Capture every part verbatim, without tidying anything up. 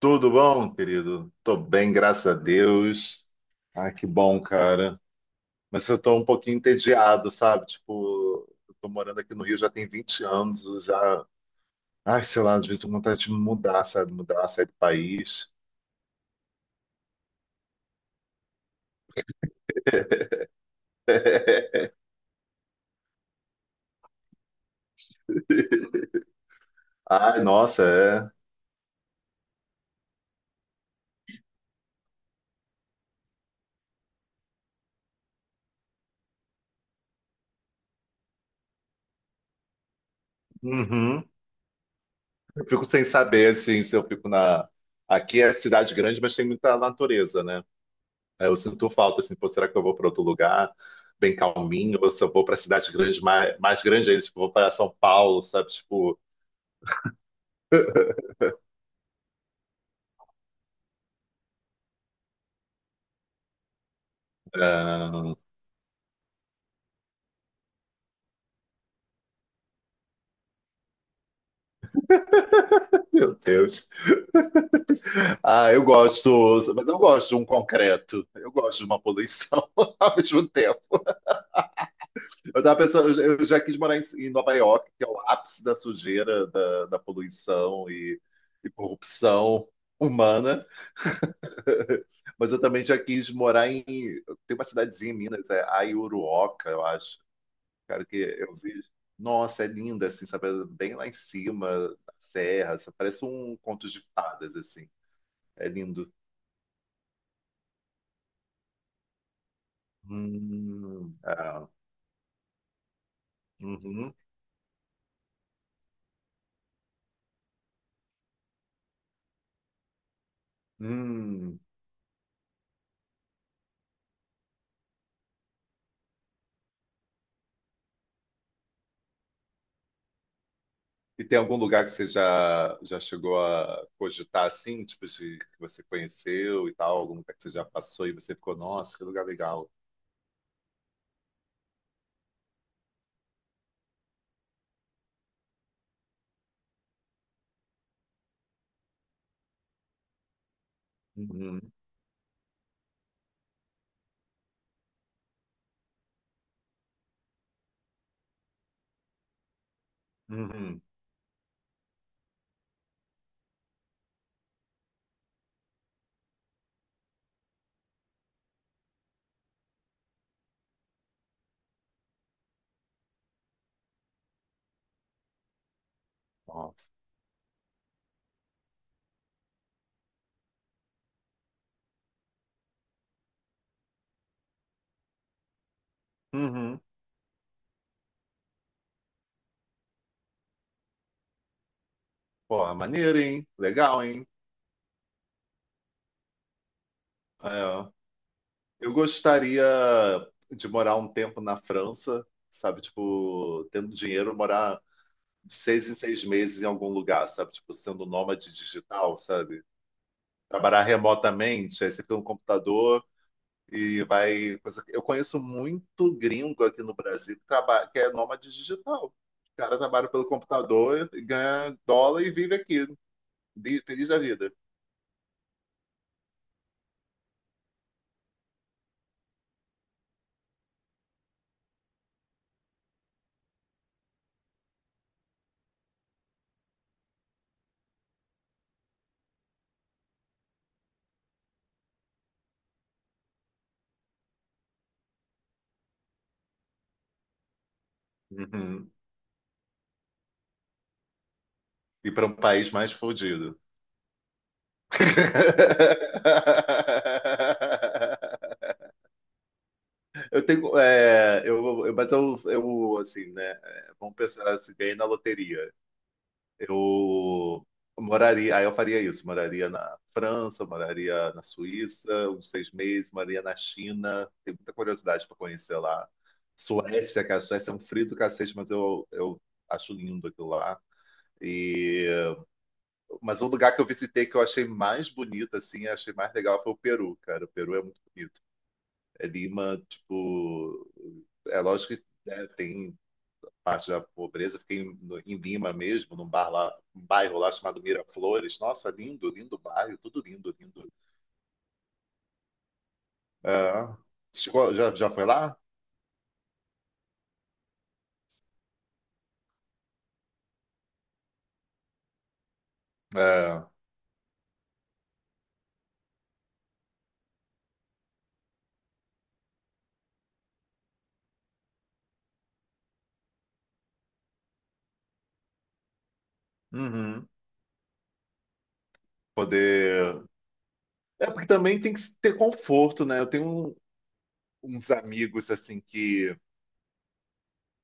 Tudo bom, querido? Tô bem, graças a Deus. Ah, que bom, cara. Mas eu tô um pouquinho entediado, sabe? Tipo, eu tô morando aqui no Rio já tem vinte anos, eu já. Ai, sei lá, às vezes tô com vontade de mudar, sabe? Mudar, sair do país. Ai, nossa, é. Uhum. Eu fico sem saber, assim, se eu fico na. Aqui é cidade grande, mas tem muita natureza, né? É, eu sinto falta, assim, pô, será que eu vou para outro lugar, bem calminho, ou se eu vou para cidade grande, mais, mais grande ainda, tipo, vou para São Paulo, sabe? Tipo, ah, meu Deus. Ah, eu gosto, mas eu gosto de um concreto, eu gosto de uma poluição ao mesmo tempo. Eu tava pensando, eu eu já quis morar em, em Nova York, que é o ápice da sujeira, da, da poluição e, e corrupção humana. Mas eu também já quis morar em. Tem uma cidadezinha em Minas, é Aiuruoca, eu acho. Cara, que eu vi. Nossa, é linda, assim, sabe? Bem lá em cima, da serra, sabe? Parece um conto de fadas, assim. É lindo. Hum, ah, uhum, hum. E tem algum lugar que você já, já chegou a cogitar, assim, tipo, de que você conheceu e tal? Algum lugar que você já passou e você ficou, nossa, que lugar legal. Uhum, uhum, nossa. Uhum. Pô, maneiro, hein? Legal, hein? É. Eu gostaria de morar um tempo na França, sabe? Tipo, tendo dinheiro, morar de seis em seis meses em algum lugar, sabe? Tipo, sendo nômade digital, sabe? Trabalhar remotamente, aí você pega um computador e vai. coisa- Eu conheço muito gringo aqui no Brasil que, traba... que é nômade digital. O cara trabalha pelo computador, ganha dólar e vive aqui, de- feliz da vida. Uhum. E para um país mais fodido. Eu tenho. É, eu, eu- mas eu, eu, assim, né? É, vamos pensar se ganhei na loteria. Eu moraria. Aí eu faria isso. Moraria na França, moraria na Suíça, uns seis meses, moraria na China. Tenho muita curiosidade para conhecer lá. Suécia, que a Suécia é um frio do cacete, mas eu, eu acho lindo aquilo lá. E, mas um lugar que eu visitei que eu achei mais bonito, assim, achei mais legal foi o Peru, cara. O Peru é muito bonito. É Lima, tipo, é lógico que né, tem parte da pobreza. Fiquei em, no- em Lima mesmo, num bar lá, um bairro lá chamado Miraflores. Nossa, lindo, lindo bairro, tudo lindo, lindo. É, chegou- já, já foi lá? É, uhum. Poder. É porque também tem que ter conforto, né? Eu tenho um- uns amigos assim que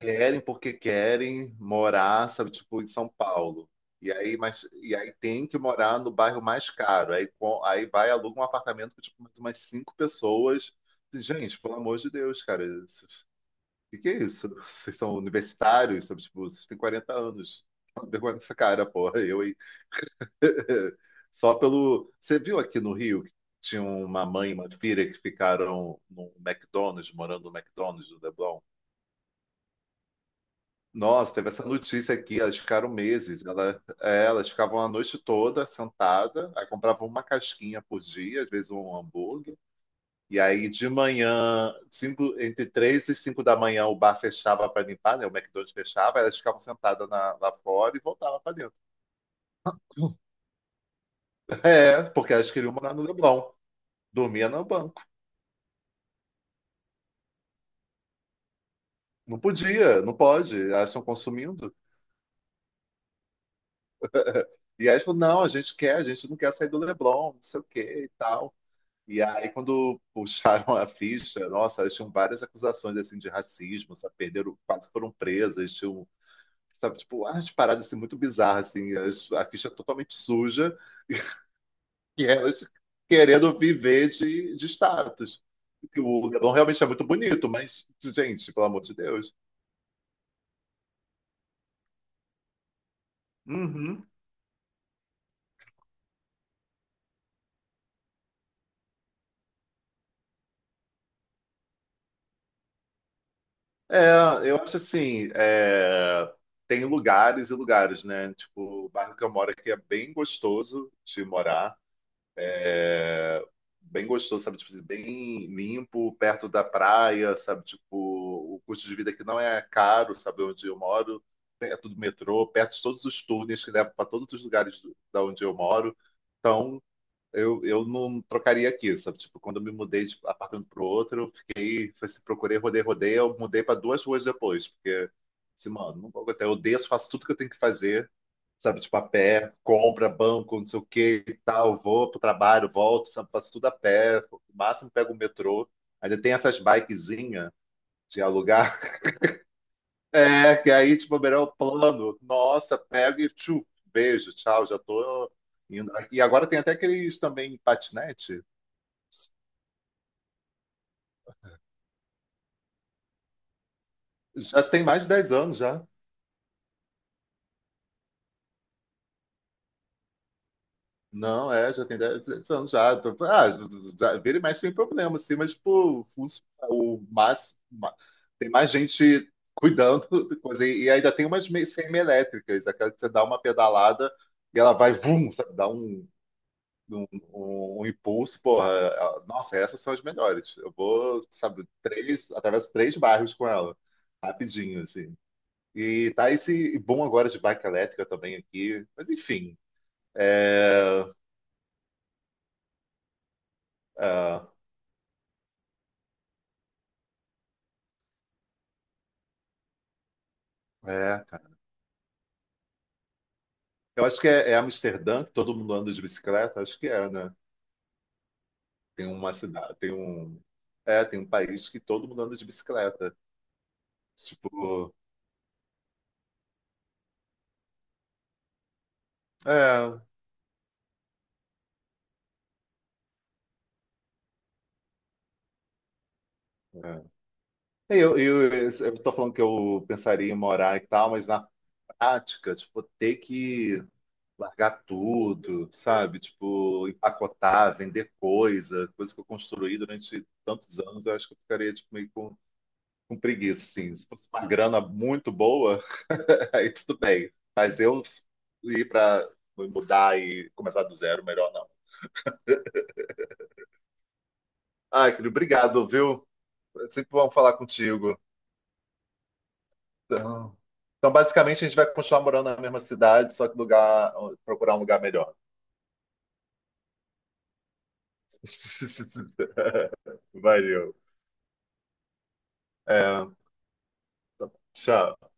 querem porque querem morar, sabe, tipo, em São Paulo. E aí, mas, e aí tem que morar no bairro mais caro. Aí, co- aí vai, aluga um apartamento com, tipo, mais umas cinco pessoas. Gente, pelo amor de Deus, cara, isso- o que que é isso? Vocês são universitários, sabe, tipo, vocês têm quarenta anos. Toma vergonha nessa cara, porra, eu aí. Só pelo... Você viu aqui no Rio que tinha uma mãe e uma filha que ficaram num McDonald's, morando no McDonald's do Leblon? Nossa, teve essa notícia aqui, elas ficaram meses. Ela, é, elas ficavam a noite toda sentada, aí compravam uma casquinha por dia, às vezes um hambúrguer. E aí de manhã, cinco, entre três e cinco da manhã, o bar fechava para limpar, né? O McDonald's fechava, elas ficavam sentadas na- lá fora e voltavam para dentro. É, porque elas queriam morar no Leblon. Dormia no banco. Não podia, não pode. Elas estão consumindo. E aí elas falaram, não, a gente quer, a gente não quer sair do Leblon, não sei o que e tal. E aí, quando puxaram a ficha, nossa, elas tinham várias acusações assim, de racismo, sabe? Perderam, quase foram presas, tinham, sabe, tipo, umas paradas assim, muito bizarras, assim, as- a ficha é totalmente suja, e elas querendo viver de, de status. Que o Leblon realmente é muito bonito, mas, gente, pelo amor de Deus. Uhum. É, eu acho assim, é, tem lugares e lugares, né? Tipo, o bairro que eu moro aqui é bem gostoso de morar. É, bem gostoso, sabe? Tipo, assim, bem limpo, perto da praia, sabe? Tipo, o custo de vida aqui não é caro, sabe? Onde eu moro, perto do metrô, perto de todos os túneis que levam para todos os lugares do, da onde eu moro. Então, eu, eu não trocaria aqui, sabe? Tipo, quando eu me mudei de apartamento para o outro, eu fiquei, foi se procurei, rodei, rodei, eu mudei para duas ruas depois, porque, assim, mano, não vou aguentar. Eu desço, faço tudo que eu tenho que fazer, sabe? Tipo, a pé, compra, banco, não sei o que e tal, vou pro trabalho, volto, sabe? Faço tudo a pé, no máximo pego o metrô. Ainda tem essas bikezinhas de alugar, é, que aí, tipo, melhor o plano, nossa, pego e tchu, beijo, tchau, já tô indo. E agora tem até aqueles também patinete, já tem mais de dez anos já. Não, é, já tem dez dez anos já. Tô- ah, já, vira e mexe tem problema, assim, mas, tipo, funciona. O mas, ma- tem mais gente cuidando, de coisa, e, e ainda tem umas me- semi-elétricas, aquela que você dá uma pedalada e ela vai, vum, sabe, dá um, um, um um impulso, porra. ela- Nossa, essas são as melhores. Eu vou, sabe, três, atravesso três bairros com ela, rapidinho, assim. E tá esse bom agora de bike elétrica também aqui, mas enfim. É, é, é, cara. Eu acho que é, é Amsterdã, que todo mundo anda de bicicleta. Acho que é, né? Tem uma cidade, tem um, é, tem um país que todo mundo anda de bicicleta. Tipo, é. É. Eu, eu, eu tô falando que eu pensaria em morar e tal, mas na prática, tipo, ter que largar tudo, sabe? Tipo, empacotar, vender coisa, coisa que eu construí durante tantos anos, eu acho que eu ficaria, tipo, meio com, com preguiça, assim. Se fosse uma grana muito boa, aí tudo bem. Mas eu ir pra mudar e começar do zero, melhor não. Ai, querido, obrigado, viu? É sempre bom falar contigo. Então, então, basicamente, a gente vai continuar morando na mesma cidade, só que lugar, procurar um lugar melhor. Valeu. É, tchau.